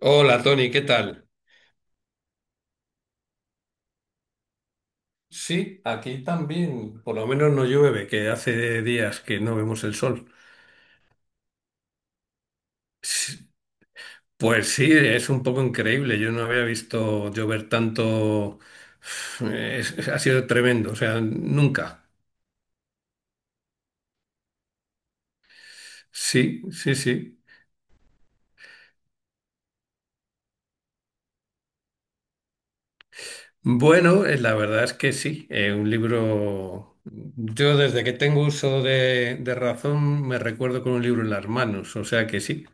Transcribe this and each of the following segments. Hola Tony, ¿qué tal? Sí, aquí también, por lo menos no llueve, que hace días que no vemos el sol. Sí, pues sí, es un poco increíble, yo no había visto llover tanto. Ha sido tremendo, o sea, nunca. Sí, sí, sí. Bueno, la verdad es que sí, un libro, yo desde que tengo uso de razón me recuerdo con un libro en las manos, o sea que sí,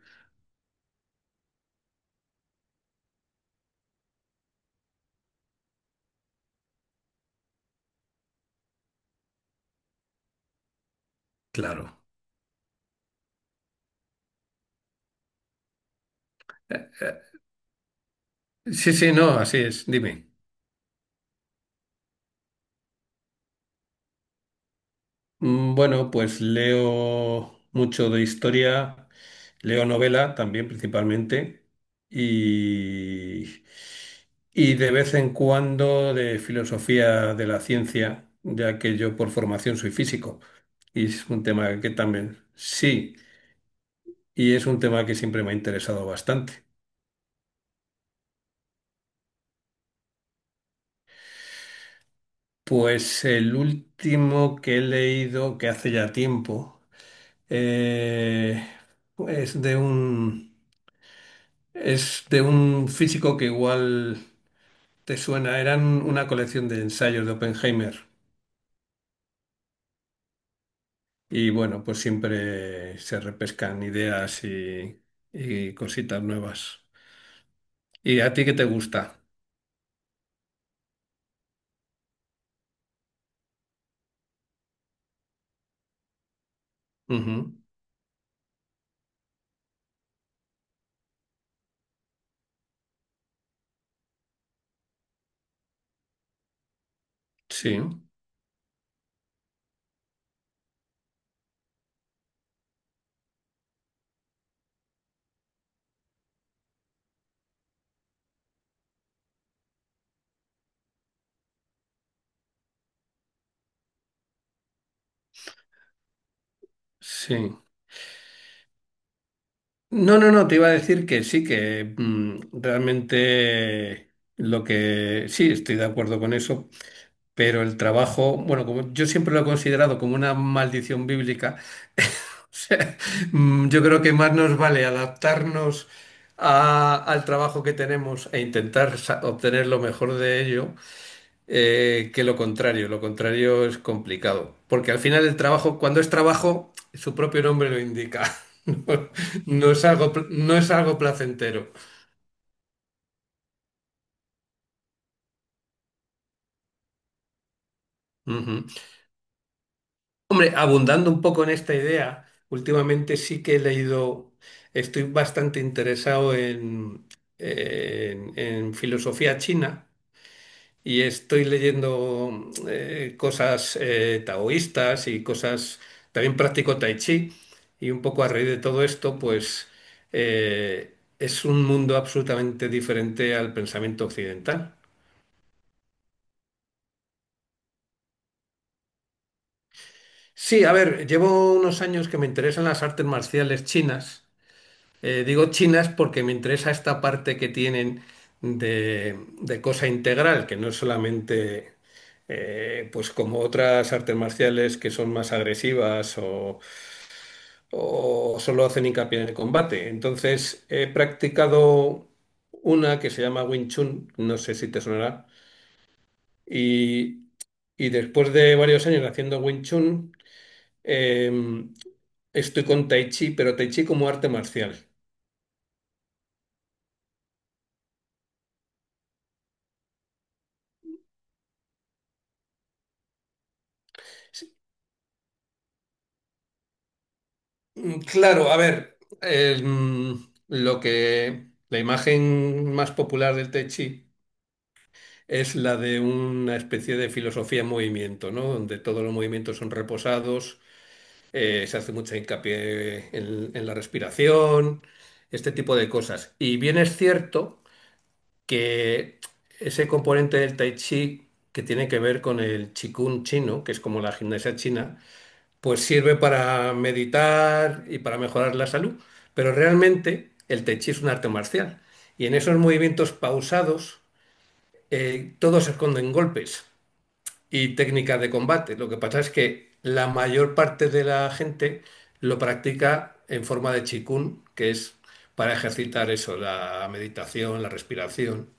claro. Eh, eh, Sí, sí, no, así es, dime. Bueno, pues leo mucho de historia, leo novela también principalmente y, y de vez en cuando de filosofía de la ciencia, ya que yo por formación soy físico y es un tema que también sí, y es un tema que siempre me ha interesado bastante. Pues el último que he leído, que hace ya tiempo, eh, es de un... Es de un físico que igual te suena. Eran una colección de ensayos de Oppenheimer. Y bueno, pues siempre se repescan ideas y cositas nuevas. ¿Y a ti qué te gusta? Ujú, sí, sí. No, te iba a decir que sí, que realmente lo que sí, estoy de acuerdo con eso. Pero el trabajo, bueno, como yo siempre lo he considerado como una maldición bíblica, o sea, yo creo que más nos vale adaptarnos al trabajo que tenemos e intentar obtener lo mejor de ello que lo contrario. Lo contrario es complicado, porque al final el trabajo, cuando es trabajo, su propio nombre lo indica. No, no es algo, no es algo placentero. Ujú. Hombre, abundando un poco en esta idea, últimamente sí que he leído, estoy bastante interesado en, en filosofía china y estoy leyendo cosas taoístas y cosas, también practico tai chi y un poco a raíz de todo esto, pues es un mundo absolutamente diferente al pensamiento occidental. Sí, a ver, llevo unos años que me interesan las artes marciales chinas. Digo chinas porque me interesa esta parte que tienen de cosa integral, que no es solamente pues como otras artes marciales que son más agresivas o solo hacen hincapié en el combate. Entonces he practicado una que se llama Wing Chun, no sé si te sonará, y, y después de varios años haciendo Wing Chun, em, estoy con Tai Chi, pero Tai Chi como arte marcial. Claro, a ver, lo que la imagen más popular del Tai Chi es la de una especie de filosofía en movimiento, ¿no? Donde todos los movimientos son reposados, se hace mucha hincapié en la respiración, este tipo de cosas. Y bien es cierto que ese componente del Tai Chi que tiene que ver con el Qigong chino, que es como la gimnasia china, pues sirve para meditar y para mejorar la salud, pero realmente el tai chi es un arte marcial y en esos movimientos pausados todos se esconden golpes y técnicas de combate. Lo que pasa es que la mayor parte de la gente lo practica en forma de chikun, que es para ejercitar eso, la meditación, la respiración.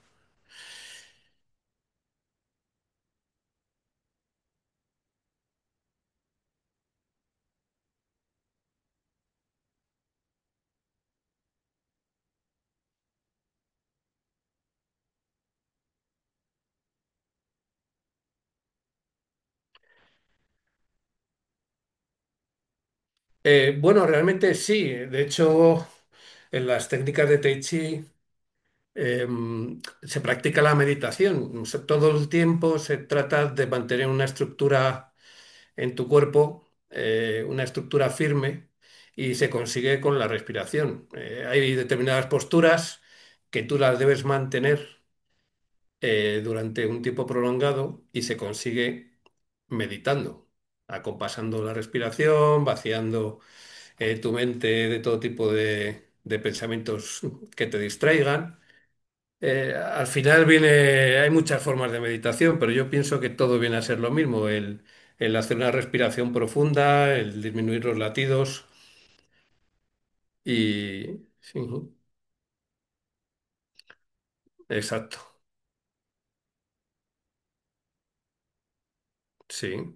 Bueno, realmente sí. De hecho, en las técnicas de Tai Chi eh, se practica la meditación. O sea, todo el tiempo se trata de mantener una estructura en tu cuerpo, una estructura firme, y se consigue con la respiración. Hay determinadas posturas que tú las debes mantener durante un tiempo prolongado y se consigue meditando, acompasando la respiración, vaciando tu mente de todo tipo de pensamientos que te distraigan. Al final viene, hay muchas formas de meditación, pero yo pienso que todo viene a ser lo mismo, el hacer una respiración profunda, el disminuir los latidos y... Sí, exacto, sí.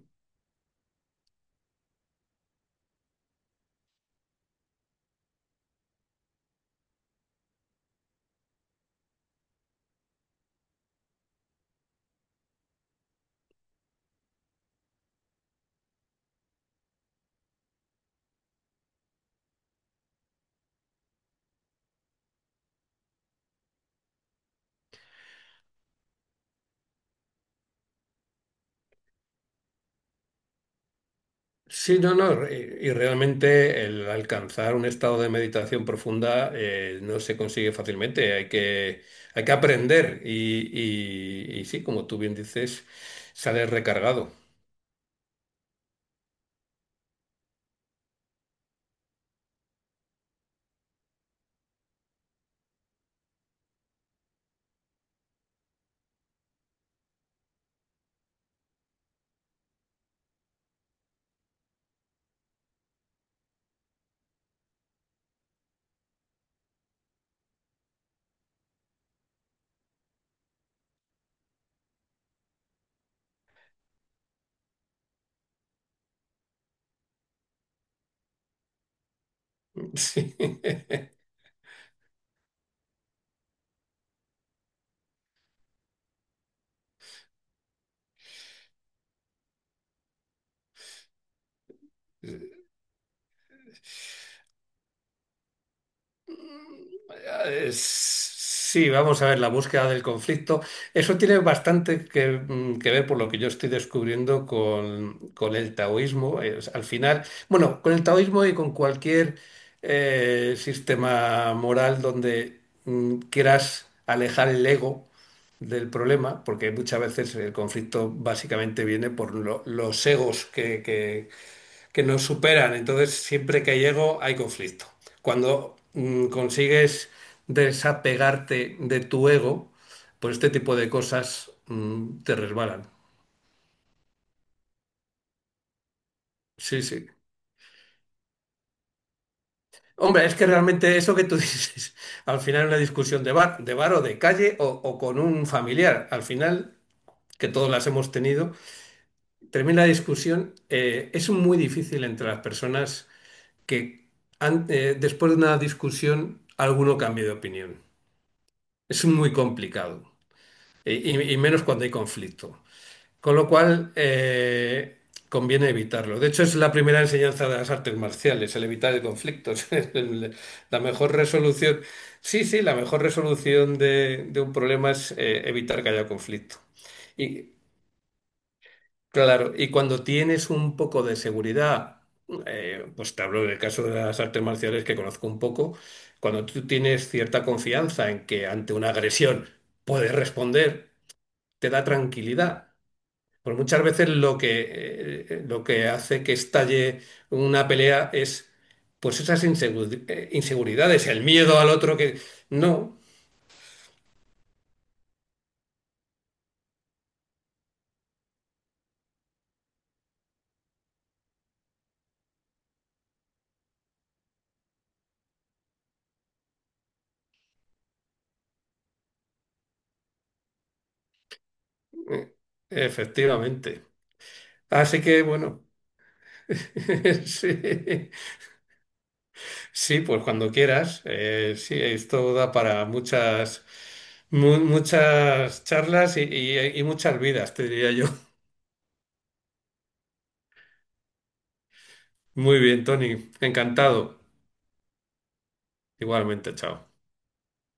Sí, no, y realmente el alcanzar un estado de meditación profunda no se consigue fácilmente, hay que aprender y sí, como tú bien dices, sales recargado. Sí. Sí, vamos a ver, la búsqueda del conflicto. Eso tiene bastante que ver por lo que yo estoy descubriendo con el taoísmo. Al final, bueno, con el taoísmo y con cualquier sistema moral donde quieras alejar el ego del problema, porque muchas veces el conflicto básicamente viene por los egos que nos superan. Entonces, siempre que llego hay conflicto. Cuando consigues desapegarte de tu ego, pues este tipo de cosas te resbalan. Sí, sí. Hombre, es que realmente eso que tú dices, al final una discusión de bar o de calle o con un familiar, al final, que todos las hemos tenido, termina la discusión, es muy difícil entre las personas que después de una discusión alguno cambie de opinión. Es muy complicado, y menos cuando hay conflicto. Con lo cual, conviene evitarlo. De hecho, es la primera enseñanza de las artes marciales, el evitar el conflicto. La mejor resolución, sí, sí, la mejor resolución de un problema es evitar que haya conflicto. Y claro, y cuando tienes un poco de seguridad, pues te hablo del caso de las artes marciales que conozco un poco, cuando tú tienes cierta confianza en que ante una agresión puedes responder, te da tranquilidad. Porque muchas veces lo lo que hace que estalle una pelea es pues esas inseguridades, el miedo al otro que... No, eh, efectivamente. Así que bueno, sí, sí, pues cuando quieras. Sí, esto da para muchas, muchas charlas y muchas vidas, te diría yo. Muy bien, Tony, encantado. Igualmente, chao.